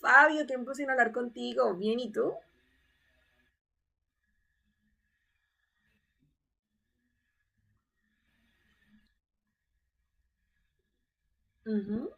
Fabio, tiempo sin hablar contigo. Bien, ¿y tú? Ujú.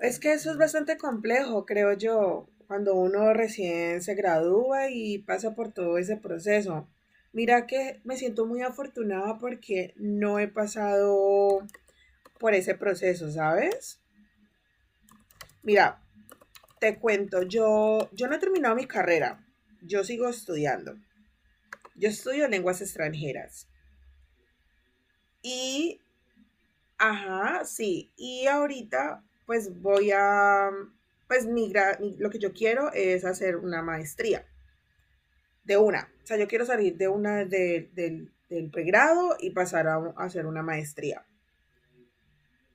Es que eso es bastante complejo, creo yo, cuando uno recién se gradúa y pasa por todo ese proceso. Mira que me siento muy afortunada porque no he pasado por ese proceso, ¿sabes? Mira, te cuento, yo no he terminado mi carrera, yo sigo estudiando. Yo estudio lenguas extranjeras y Ajá, sí. Y ahorita, pues voy a, pues mi, lo que yo quiero es hacer una maestría de una. O sea, yo quiero salir de una de- del, del pregrado y pasar a hacer una maestría.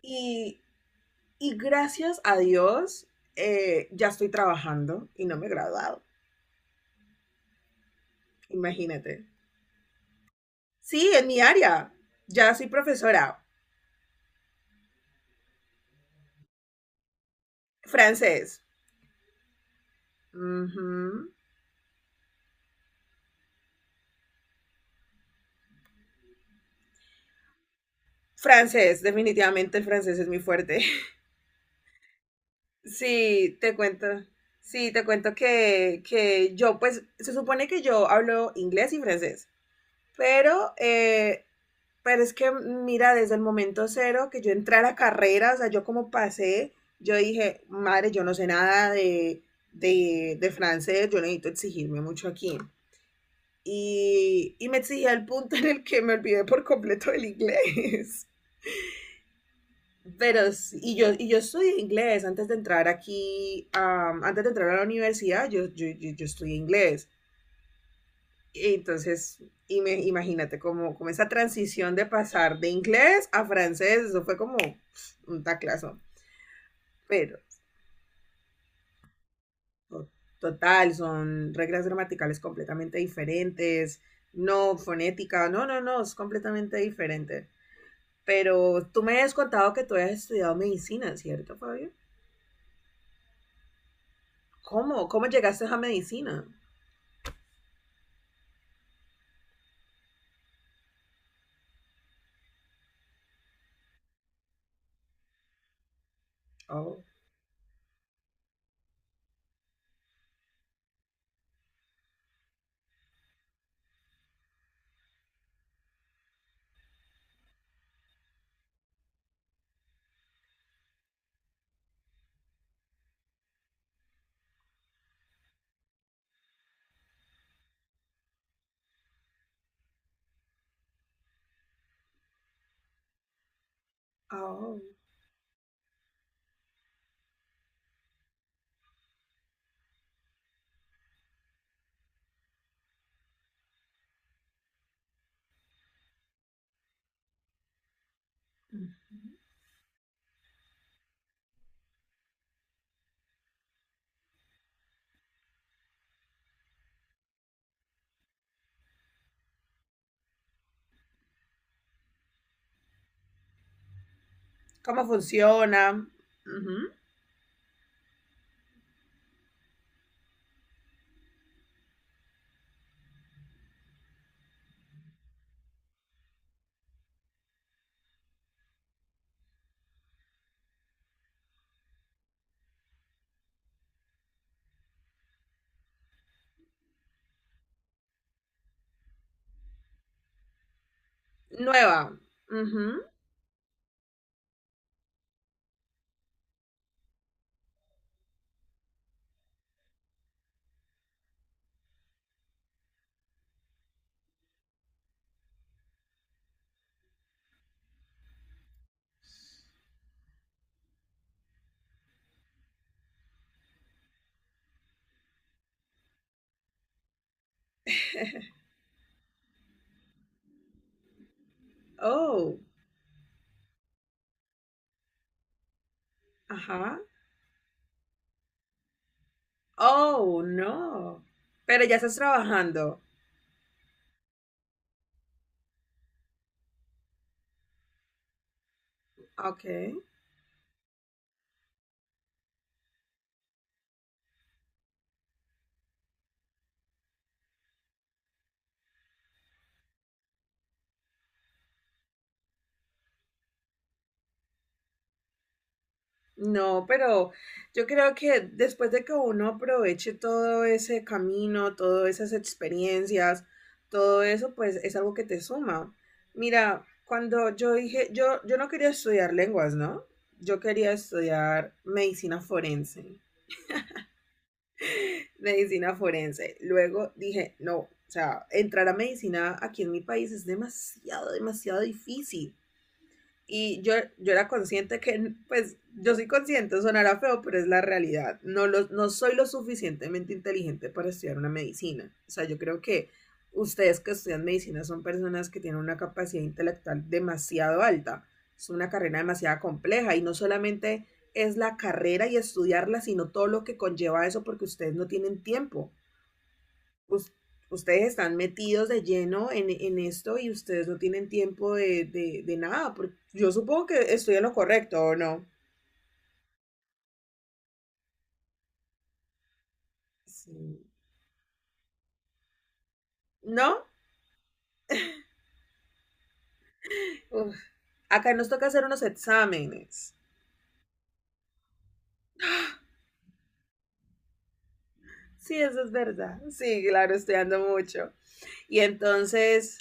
Y, y gracias a Dios, ya estoy trabajando y no me he graduado. Imagínate. Sí, en mi área. Ya soy profesora. Francés. Ujú. Francés, definitivamente el francés es mi fuerte. Sí, te cuento. Sí, te cuento que yo, pues, se supone que yo hablo inglés y francés, pero, eh, pero es que, mira, desde el momento cero que yo entré a la carrera, o sea, yo como pasé, yo dije, madre, yo no sé nada de, de francés, yo necesito exigirme mucho aquí. Y me exigí al punto en el que me olvidé por completo del inglés. Pero, sí, y yo estudié inglés antes de entrar aquí, antes de entrar a la universidad, yo estudié inglés. Y entonces, imagínate, como, como esa transición de pasar de inglés a francés, eso fue como un taclazo. Pero, to- total, son reglas gramaticales completamente diferentes, no fonética, no, no, no, es completamente diferente. Pero tú me has contado que tú has estudiado medicina, ¿cierto, Fabio? ¿Cómo? ¿Cómo llegaste a medicina? Oh, oh. ¿Cómo funciona? Ujú. Nueva. Ujú. Oh, ajá. Oh, no. Pero ya estás trabajando. Ok. No, pero yo creo que después de que uno aproveche todo ese camino, todas esas experiencias, todo eso, pues es algo que te suma. Mira, cuando yo dije, yo no quería estudiar lenguas, ¿no? Yo quería estudiar medicina forense. Medicina forense. Luego dije, no, o sea, entrar a medicina aquí en mi país es demasiado, demasiado difícil. Y yo era consciente que, pues, yo soy consciente, sonará feo, pero es la realidad. No, no soy lo suficientemente inteligente para estudiar una medicina. O sea, yo creo que ustedes que estudian medicina son personas que tienen una capacidad intelectual demasiado alta. Es una carrera demasiado compleja, y no solamente es la carrera y estudiarla, sino todo lo que conlleva eso, porque ustedes no tienen tiempo, us- ustedes están metidos de lleno en esto, y ustedes no tienen tiempo de, de nada. Porque yo supongo que estoy en lo correcto, ¿o no? Sí. ¿No? Uf, acá nos toca hacer unos exámenes. Sí, eso es verdad. Sí, claro, estudiando mucho. Y entonces,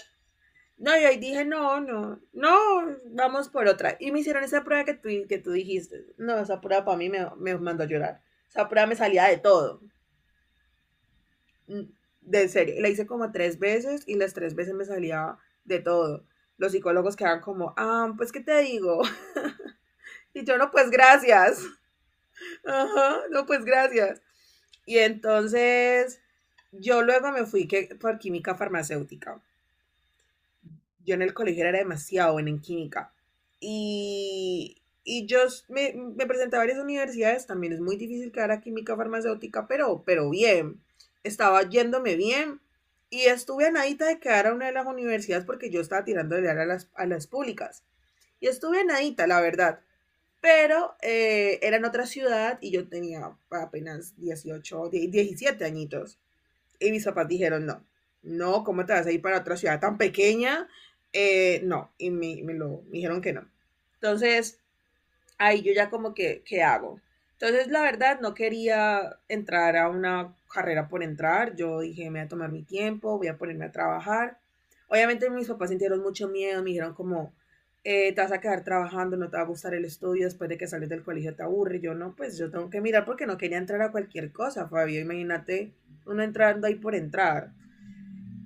no, y ahí dije, no, no, no, vamos por otra. Y me hicieron esa prueba que que tú dijiste. No, esa prueba para mí me mandó a llorar. Esa prueba me salía de todo. De serio, la hice como tres veces y las tres veces me salía de todo. Los psicólogos quedaban como, ah, pues qué te digo. Y yo, no, pues gracias. Ajá, no, pues gracias. Y entonces yo luego me fui que, por química farmacéutica. Yo en el colegio era demasiado buena en química. Y yo me presenté a varias universidades, también es muy difícil quedar a química farmacéutica, pero bien, estaba yéndome bien, y estuve a nadita de quedar a una de las universidades, porque yo estaba tirando de a a las públicas. Y estuve a nadita, la verdad, pero era en otra ciudad y yo tenía apenas dieciocho die 17 añitos. Y mis papás dijeron, no, no, ¿cómo te vas a ir para otra ciudad tan pequeña? No, y me lo me dijeron que no. Entonces, ahí yo ya como que, ¿qué hago? Entonces, la verdad, no quería entrar a una carrera por entrar. Yo dije, me voy a tomar mi tiempo, voy a ponerme a trabajar. Obviamente mis papás sintieron mucho miedo, me dijeron como, te vas a quedar trabajando, no te va a gustar el estudio, después de que sales del colegio te aburre. Yo no, pues yo tengo que mirar, porque no quería entrar a cualquier cosa, Fabio. Imagínate uno entrando ahí por entrar.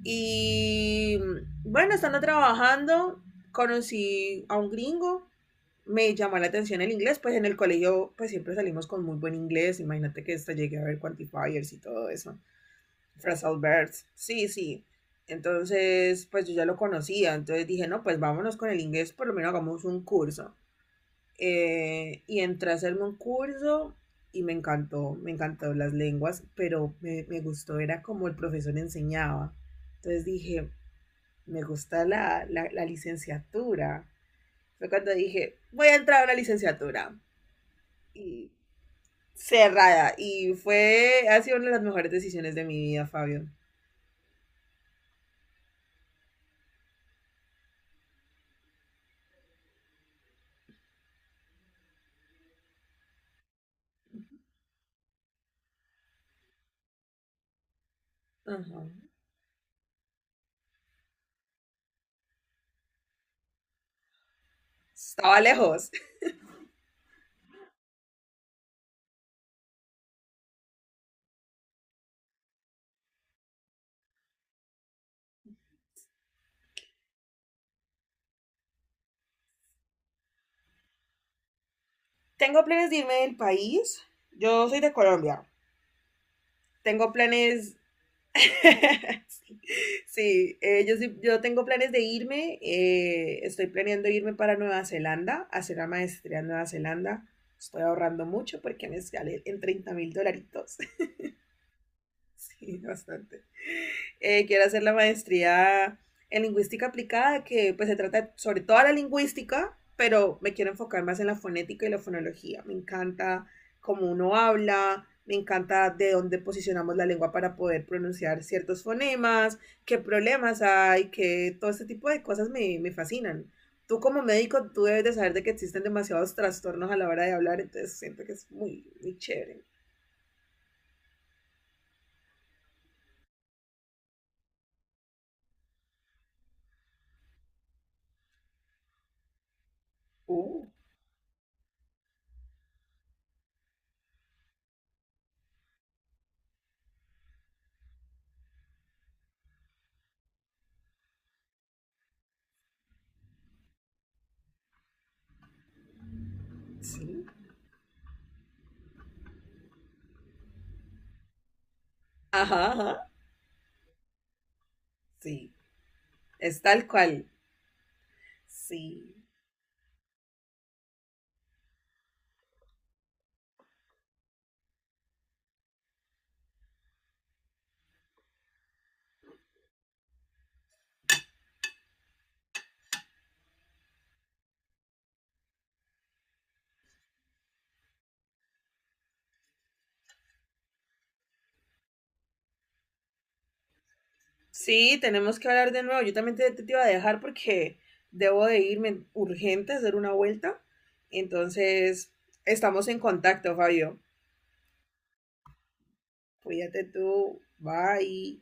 Y bueno, estando trabajando, conocí a un gringo, me llamó la atención el inglés, pues en el colegio pues siempre salimos con muy buen inglés, imagínate que hasta llegué a ver quantifiers y todo eso, phrasal verbs, sí, sí, entonces pues yo ya lo conocía, entonces dije, no, pues vámonos con el inglés, por lo menos hagamos un curso, y entré a hacerme un curso y me encantó las lenguas, pero me gustó, era como el profesor enseñaba, entonces dije, me gusta la licenciatura, fue cuando dije, voy a entrar a una licenciatura, y cerrada. Y fue, ha sido una de las mejores decisiones de mi vida, Fabio. Ajá. Estaba lejos. Tengo planes de irme del país. Yo soy de Colombia. Tengo planes. Sí, sí, yo tengo planes de irme. Estoy planeando irme para Nueva Zelanda, hacer la maestría en Nueva Zelanda. Estoy ahorrando mucho porque me sale en 30.000 dolaritos. Sí, bastante. Quiero hacer la maestría en lingüística aplicada, que pues se trata sobre toda la lingüística, pero me quiero enfocar más en la fonética y la fonología. Me encanta cómo uno habla, me encanta de dónde posicionamos la lengua para poder pronunciar ciertos fonemas, qué problemas hay, que todo este tipo de cosas me fascinan. Tú como médico, tú debes de saber de que existen demasiados trastornos a la hora de hablar, entonces siento que es muy, muy chévere. Uh, sí. Ajá, ajá. Sí, es tal cual. Sí. Sí, tenemos que hablar de nuevo. Yo también te iba a dejar porque debo de irme urgente a hacer una vuelta. Entonces, estamos en contacto, Fabio. Cuídate tú. Bye.